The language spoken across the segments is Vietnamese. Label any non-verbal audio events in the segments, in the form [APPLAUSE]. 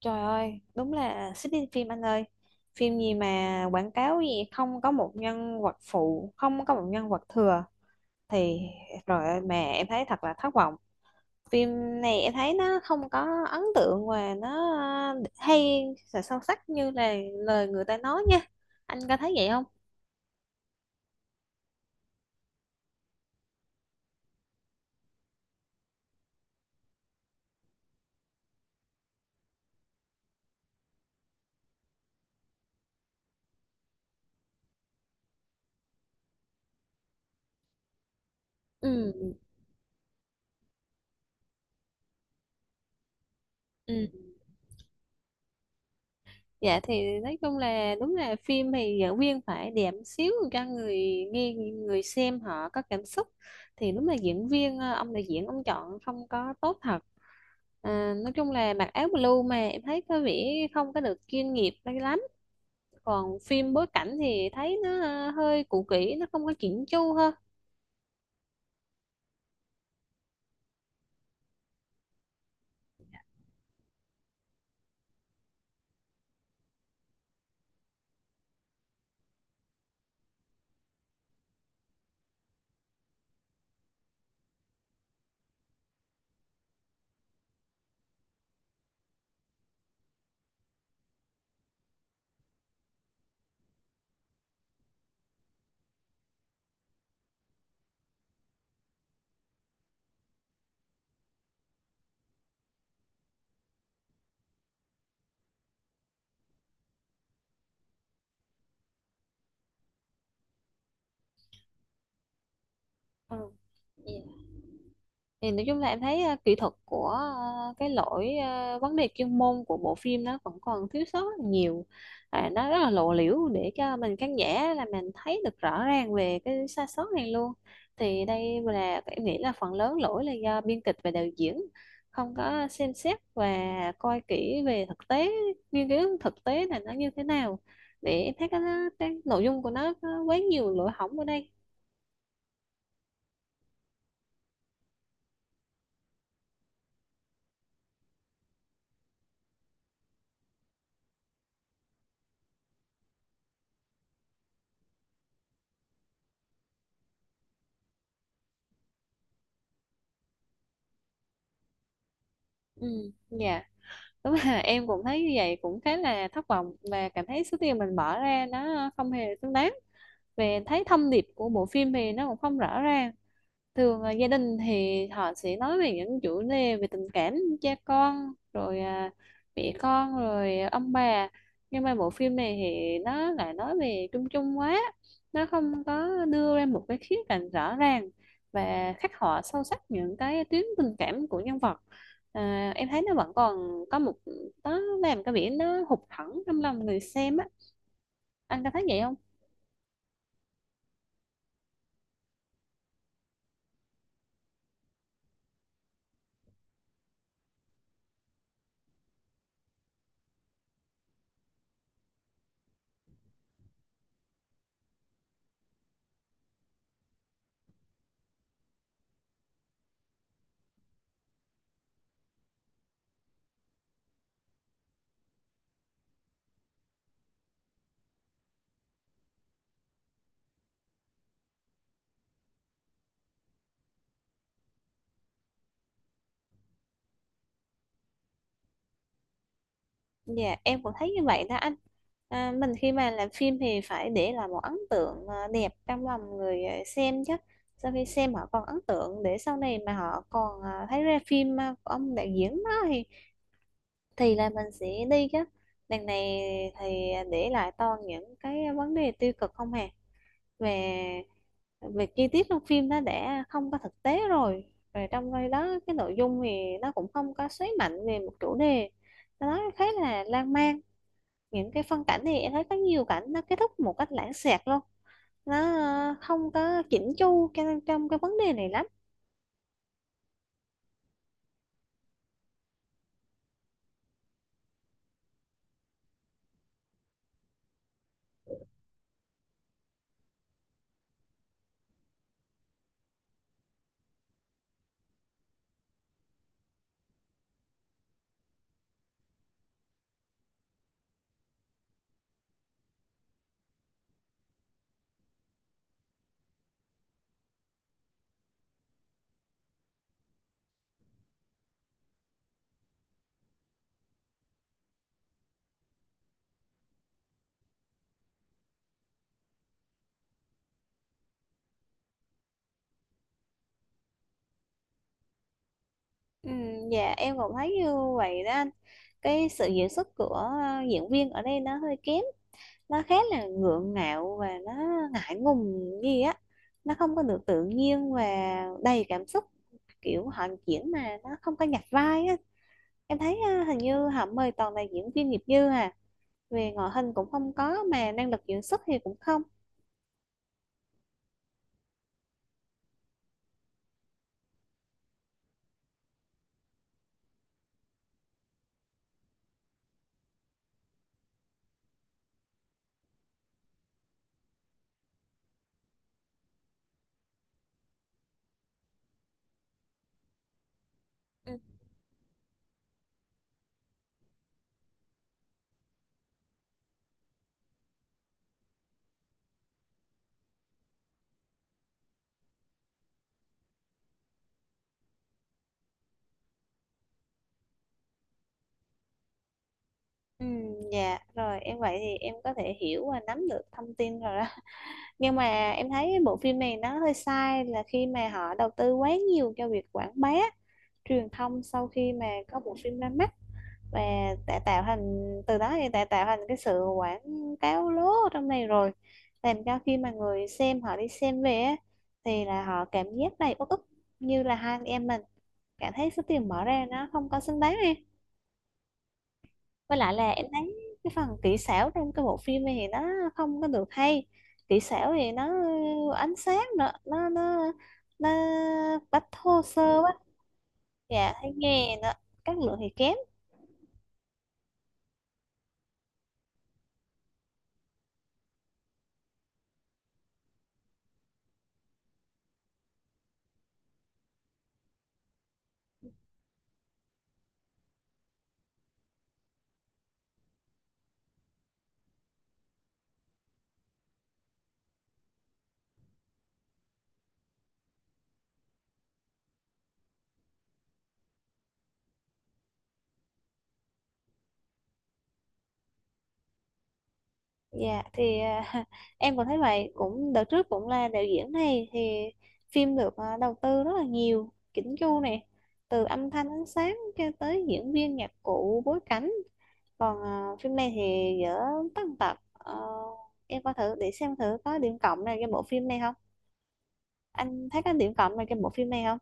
Trời ơi, đúng là xích đi phim anh ơi. Phim gì mà quảng cáo gì không có một nhân vật phụ, không có một nhân vật thừa thì rồi ơi, mà em thấy thật là thất vọng. Phim này em thấy nó không có ấn tượng và nó hay và sâu sắc như là lời người ta nói nha. Anh có thấy vậy không? Ừ, ừ. Dạ thì nói chung là đúng là phim thì diễn viên phải đẹp xíu cho người nghe người xem họ có cảm xúc thì đúng là diễn viên ông đạo diễn ông chọn không có tốt thật. À, nói chung là mặc áo blue mà em thấy có vẻ không có được chuyên nghiệp đây lắm. Còn phim bối cảnh thì thấy nó hơi cũ kỹ nó không có chỉnh chu hơn. Ừ. Dạ. Thì nói chung là em thấy kỹ thuật của cái lỗi vấn đề chuyên môn của bộ phim nó vẫn còn thiếu sót rất là nhiều. À, nó rất là lộ liễu để cho mình khán giả là mình thấy được rõ ràng về cái sai sót này luôn. Thì đây là em nghĩ là phần lớn lỗi là do biên kịch và đạo diễn không có xem xét và coi kỹ về thực tế, nghiên cứu thực tế là nó như thế nào, để em thấy cái nội dung của nó có quá nhiều lỗ hổng ở đây. Ừ, dạ, đúng là em cũng thấy như vậy, cũng khá là thất vọng và cảm thấy số tiền mình bỏ ra nó không hề xứng đáng. Về thấy thông điệp của bộ phim thì nó cũng không rõ ràng. Thường là gia đình thì họ sẽ nói về những chủ đề về tình cảm cha con rồi à, mẹ con rồi ông bà, nhưng mà bộ phim này thì nó lại nói về chung chung quá, nó không có đưa ra một cái khía cạnh rõ ràng và khắc họa sâu sắc những cái tuyến tình cảm của nhân vật. À, em thấy nó vẫn còn có một, nó làm cái vẻ nó hụt hẫng trong lòng người xem á, anh có thấy vậy không? Dạ, em cũng thấy như vậy đó anh. À, mình khi mà làm phim thì phải để lại một ấn tượng à, đẹp trong lòng người à, xem chứ. Sau khi xem họ còn ấn tượng để sau này mà họ còn à, thấy ra phim à, của ông đạo diễn đó thì là mình sẽ đi chứ. Đằng này thì để lại toàn những cái vấn đề tiêu cực, không hề về về chi tiết trong phim nó đã không có thực tế rồi. Rồi trong cái đó cái nội dung thì nó cũng không có xoáy mạnh về một chủ đề. Nó khá là lan man, những cái phân cảnh thì em thấy có nhiều cảnh nó kết thúc một cách lãng xẹt luôn, nó không có chỉnh chu cho nên trong cái vấn đề này lắm. Ừ, dạ em cũng thấy như vậy đó anh. Cái sự diễn xuất của diễn viên ở đây nó hơi kém, nó khá là gượng gạo và nó ngại ngùng gì á, nó không có được tự nhiên và đầy cảm xúc, kiểu họ diễn mà nó không có nhặt vai á. Em thấy hình như họ mời toàn là diễn viên nghiệp dư, à về ngoại hình cũng không có mà năng lực diễn xuất thì cũng không. Ừ, ừ, dạ rồi em vậy thì em có thể hiểu và nắm được thông tin rồi đó. [LAUGHS] Nhưng mà em thấy cái bộ phim này nó hơi sai là khi mà họ đầu tư quá nhiều cho việc quảng bá truyền thông. Sau khi mà có bộ phim ra mắt và đã tạo thành, từ đó thì đã tạo thành cái sự quảng cáo lố ở trong này rồi, làm cho khi mà người xem họ đi xem về á, thì là họ cảm giác đầy uất ức như là hai anh em mình, cảm thấy số tiền bỏ ra nó không có xứng đáng. Với lại là em thấy cái phần kỹ xảo trong cái bộ phim này thì nó không có được hay, kỹ xảo thì nó ánh sáng nữa nó bắt thô sơ quá. Dạ hay nghe nó chất lượng thì kém. Dạ thì à, [LAUGHS] em còn thấy vậy, cũng đợt trước cũng là đạo diễn này thì phim được à, đầu tư rất là nhiều, chỉnh chu này, từ âm thanh, ánh sáng cho tới diễn viên, nhạc cụ, bối cảnh. Còn phim này thì dở tất tật. Ờ, em coi thử để xem thử có điểm cộng nào cho bộ phim này không, anh thấy có điểm cộng nào cho bộ phim này không?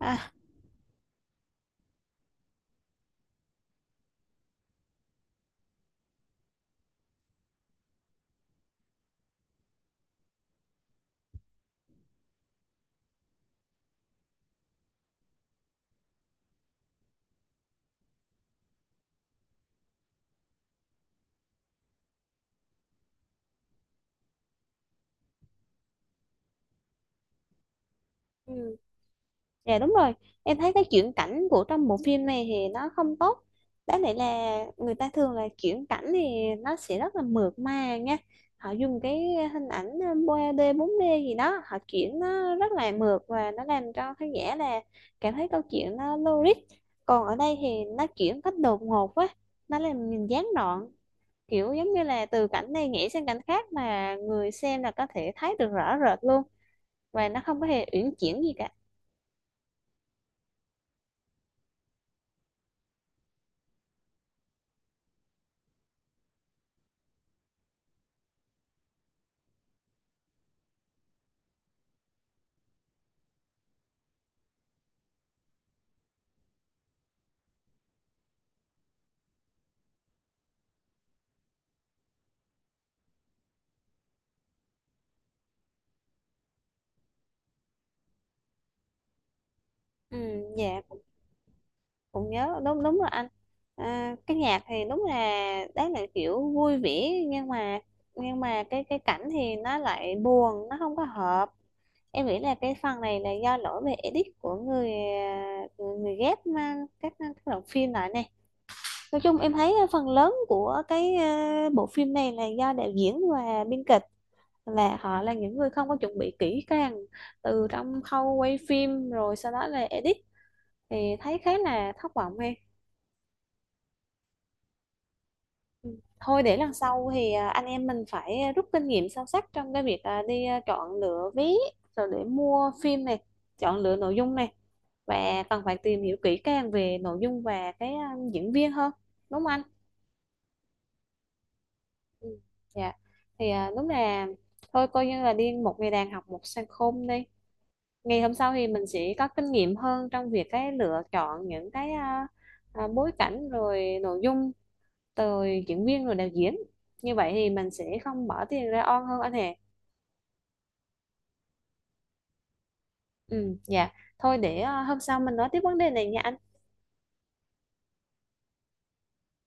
À, ừ. Dạ đúng rồi, em thấy cái chuyển cảnh của trong bộ phim này thì nó không tốt. Đáng lẽ là người ta thường là chuyển cảnh thì nó sẽ rất là mượt mà nha. Họ dùng cái hình ảnh 3D, 4D gì đó, họ chuyển nó rất là mượt và nó làm cho khán giả là cảm thấy câu chuyện nó logic. Còn ở đây thì nó chuyển cách đột ngột quá, nó làm mình gián đoạn. Kiểu giống như là từ cảnh này nhảy sang cảnh khác mà người xem là có thể thấy được rõ rệt luôn. Và nó không có hề uyển chuyển gì cả. Ừ, dạ. Cũng nhớ, đúng đúng rồi anh. À, cái nhạc thì đúng là đấy là kiểu vui vẻ, nhưng mà cái cảnh thì nó lại buồn, nó không có hợp. Em nghĩ là cái phần này là do lỗi về edit của người à, ghép mà các đoạn phim lại này. Nói chung em thấy phần lớn của cái à, bộ phim này là do đạo diễn và biên kịch, là họ là những người không có chuẩn bị kỹ càng từ trong khâu quay phim rồi sau đó là edit, thì thấy khá là thất vọng em. Ừ. Thôi để lần sau thì à, anh em mình phải à, rút kinh nghiệm sâu sắc trong cái việc à, đi à, chọn lựa vé rồi để mua phim này, chọn lựa nội dung này, và cần phải tìm hiểu kỹ càng về nội dung và cái à, diễn viên hơn, đúng không anh? Ừ. Dạ. Thì à, đúng là thôi coi như là đi một ngày đàn học một sân khôn đi. Ngày hôm sau thì mình sẽ có kinh nghiệm hơn trong việc cái lựa chọn những cái à, bối cảnh rồi nội dung, từ diễn viên rồi đạo diễn, như vậy thì mình sẽ không bỏ tiền ra on hơn anh hè. Ừ dạ, thôi để hôm sau mình nói tiếp vấn đề này nha anh.